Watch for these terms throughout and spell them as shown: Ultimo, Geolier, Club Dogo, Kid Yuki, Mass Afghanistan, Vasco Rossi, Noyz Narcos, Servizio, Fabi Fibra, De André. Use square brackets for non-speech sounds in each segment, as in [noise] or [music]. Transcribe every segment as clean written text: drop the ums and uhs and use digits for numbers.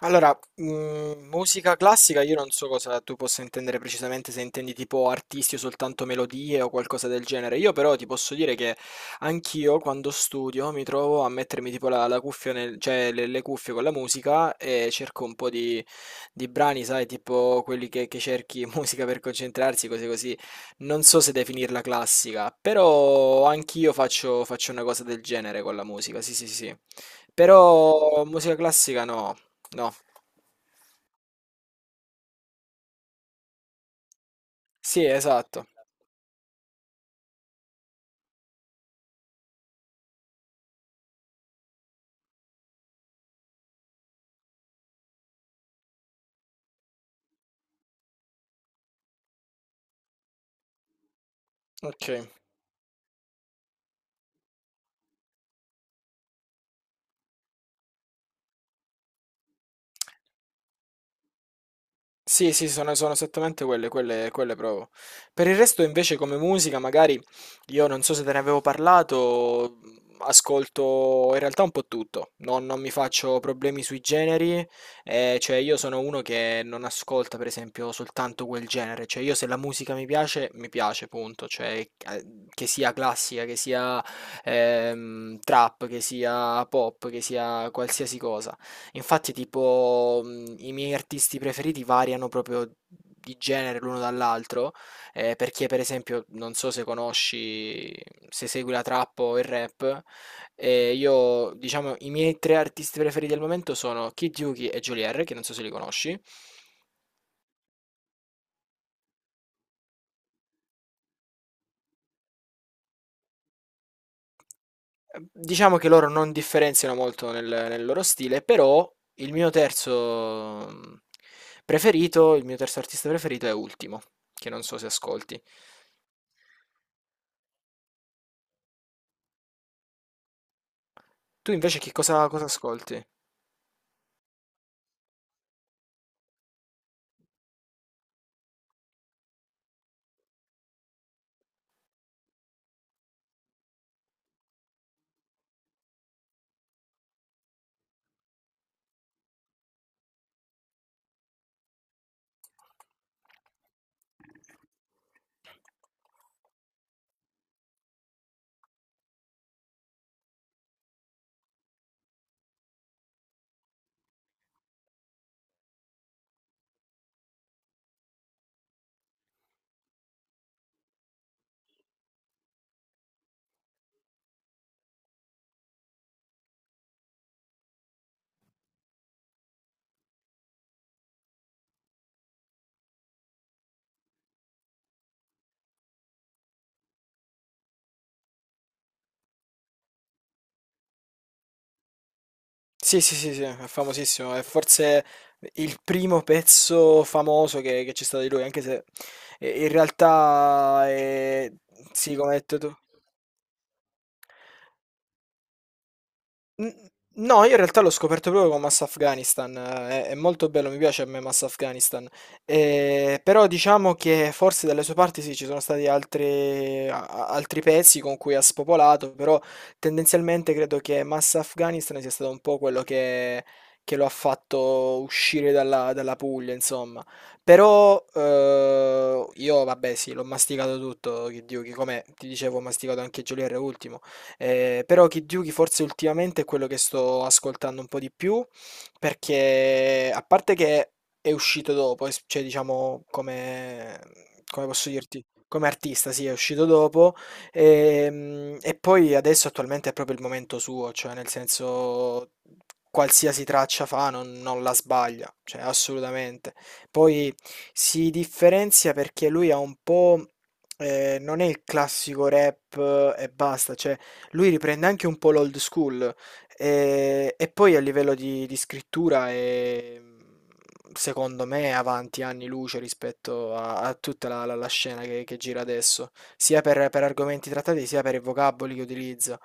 Allora, musica classica, io non so cosa tu possa intendere precisamente, se intendi tipo artisti o soltanto melodie o qualcosa del genere. Io però ti posso dire che anch'io quando studio mi trovo a mettermi tipo la cuffia cioè le cuffie con la musica e cerco un po' di brani, sai, tipo quelli che cerchi [laughs] musica per concentrarsi, cose così. Non so se definirla classica, però anch'io faccio una cosa del genere con la musica, sì, sì, sì, sì. Però musica classica no. No. Sì, esatto. Ok. Sì, sì, sono esattamente quelle provo. Per il resto, invece, come musica, magari io non so se te ne avevo parlato, ascolto in realtà un po' tutto. Non mi faccio problemi sui generi, cioè io sono uno che non ascolta, per esempio, soltanto quel genere. Cioè io se la musica mi piace, punto. Cioè, eh, che sia classica, che sia trap, che sia pop, che sia qualsiasi cosa. Infatti, tipo, i miei artisti preferiti variano proprio di genere l'uno dall'altro, perché per esempio, non so se conosci, se segui la trap o il rap, io, diciamo, i miei tre artisti preferiti al momento sono Kid Yuki e Geolier, che non so se li conosci. Diciamo che loro non differenziano molto nel loro stile, però il mio terzo preferito, il mio terzo artista preferito è Ultimo, che non so se ascolti. Tu invece che cosa ascolti? Sì, sì, sì, sì, è famosissimo, è forse il primo pezzo famoso che c'è stato di lui, anche se in realtà è. Sì, come hai detto tu. N- No, io in realtà l'ho scoperto proprio con Mass Afghanistan, è molto bello, mi piace a me Mass Afghanistan. Però diciamo che forse dalle sue parti sì, ci sono stati altri, altri pezzi con cui ha spopolato, però tendenzialmente credo che Mass Afghanistan sia stato un po' quello che lo ha fatto uscire dalla Puglia, insomma. Però io, vabbè, sì, l'ho masticato tutto, che Dio, che come ti dicevo, ho masticato anche Geolier ultimo. Però Kid Yugi forse ultimamente è quello che sto ascoltando un po' di più, perché a parte che è uscito dopo, cioè diciamo come posso dirti, come artista, sì, è uscito dopo, e poi adesso attualmente è proprio il momento suo, cioè nel senso qualsiasi traccia fa non la sbaglia, cioè assolutamente. Poi si differenzia perché lui ha un po', non è il classico rap e basta, cioè lui riprende anche un po' l'old school e, poi a livello di scrittura è, secondo me, è avanti anni luce rispetto a tutta la scena che gira adesso, sia per argomenti trattati, sia per i vocaboli che utilizza.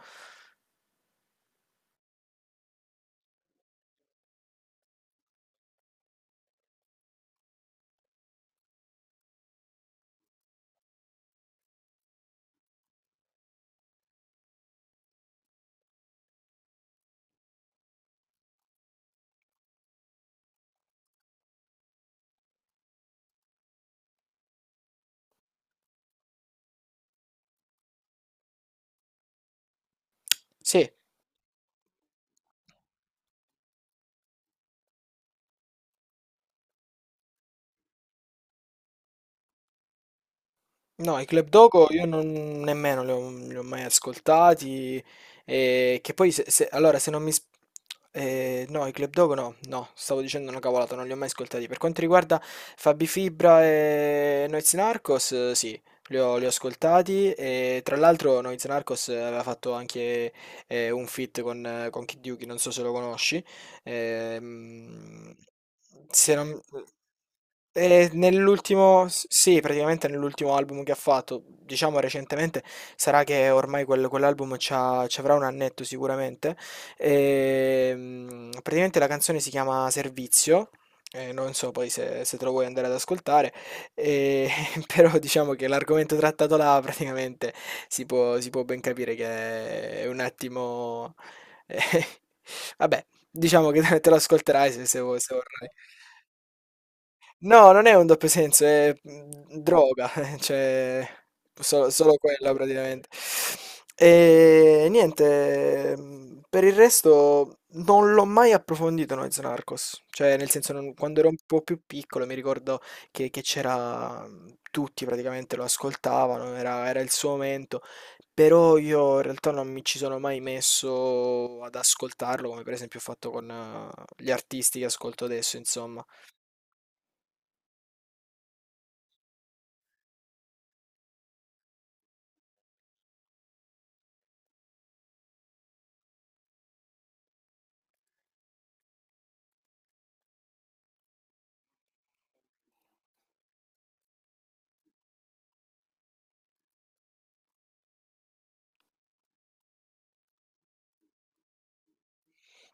Sì. No, i Club Dogo io non, nemmeno li ho mai ascoltati. Che poi, allora, se non mi, no, i Club Dogo no, no, stavo dicendo una cavolata, non li ho mai ascoltati. Per quanto riguarda Fabi Fibra e Noyz Narcos, sì, li ho ascoltati. E, tra l'altro Noyz Narcos aveva fatto anche un feat con Kid Yuki, non so se lo conosci. Ehm, se non- nell'ultimo, sì, praticamente nell'ultimo album che ha fatto, diciamo recentemente, sarà che ormai quell'album ci avrà un annetto sicuramente. Praticamente la canzone si chiama Servizio. Non so poi se te lo vuoi andare ad ascoltare, eh, [laughs] però diciamo che l'argomento trattato là praticamente si può ben capire che è un attimo. [laughs] eh, vabbè, diciamo che te lo ascolterai se vuoi se vorrai. No, non è un doppio senso, è droga, [laughs] cioè so solo quella praticamente. E niente, per il resto non l'ho mai approfondito Noyz Narcos, cioè nel senso non quando ero un po' più piccolo mi ricordo che c'era tutti praticamente lo ascoltavano, era il suo momento, però io in realtà non mi ci sono mai messo ad ascoltarlo, come per esempio ho fatto con gli artisti che ascolto adesso, insomma.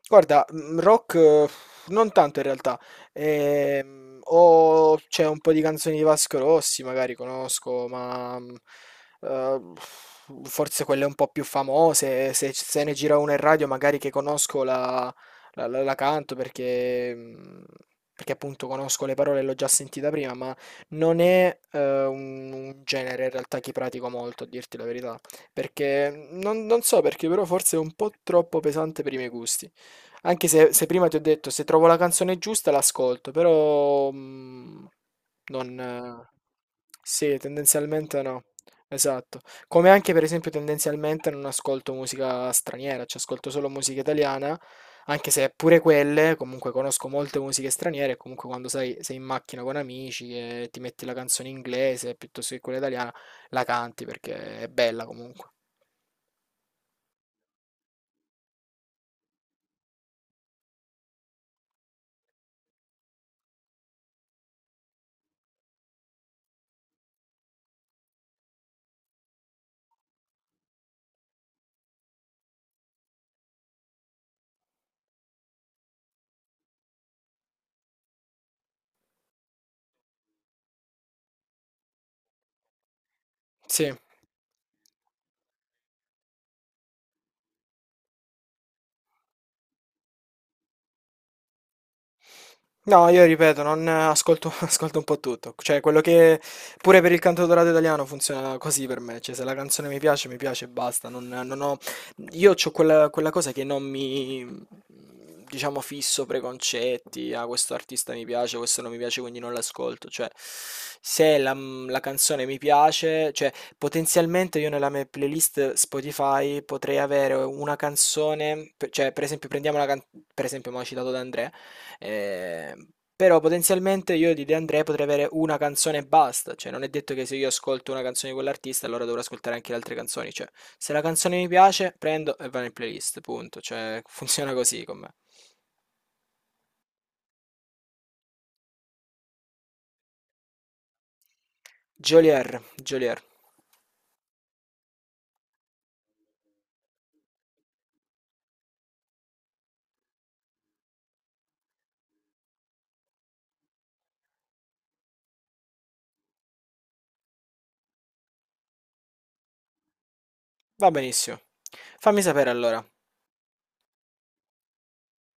Guarda, rock non tanto in realtà. O c'è un po' di canzoni di Vasco Rossi, magari conosco, ma, uhm, forse quelle un po' più famose, se c se ne gira una in radio magari che conosco la canto perché perché appunto conosco le parole e l'ho già sentita prima, ma non è, un genere in realtà che pratico molto, a dirti la verità, perché non so perché, però forse è un po' troppo pesante per i miei gusti. Anche se prima ti ho detto, se trovo la canzone giusta l'ascolto, però non. Sì, tendenzialmente no. Esatto. Come anche per esempio tendenzialmente non ascolto musica straniera, cioè ascolto solo musica italiana, anche se pure quelle, comunque conosco molte musiche straniere, comunque quando sai, sei in macchina con amici e ti metti la canzone inglese piuttosto che quella italiana, la canti perché è bella comunque. Sì. No, io ripeto, non ascolto, [laughs] ascolto un po' tutto. Cioè, quello che pure per il canto dorato italiano funziona così per me. Cioè, se la canzone mi piace e basta. Non ho, io ho quella cosa che non mi, diciamo, fisso preconcetti. Ah, questo artista mi piace, questo non mi piace, quindi non l'ascolto. Cioè, se la canzone mi piace, cioè, potenzialmente io nella mia playlist Spotify potrei avere una canzone. Cioè, per esempio, prendiamo per esempio, mi ha citato da Andrea. Ehm, però potenzialmente io di De André potrei avere una canzone e basta, cioè non è detto che se io ascolto una canzone di quell'artista allora dovrò ascoltare anche le altre canzoni, cioè se la canzone mi piace prendo e va nel playlist, punto, cioè [laughs] funziona così con me. Jolier, Jolier, va benissimo. Fammi sapere allora.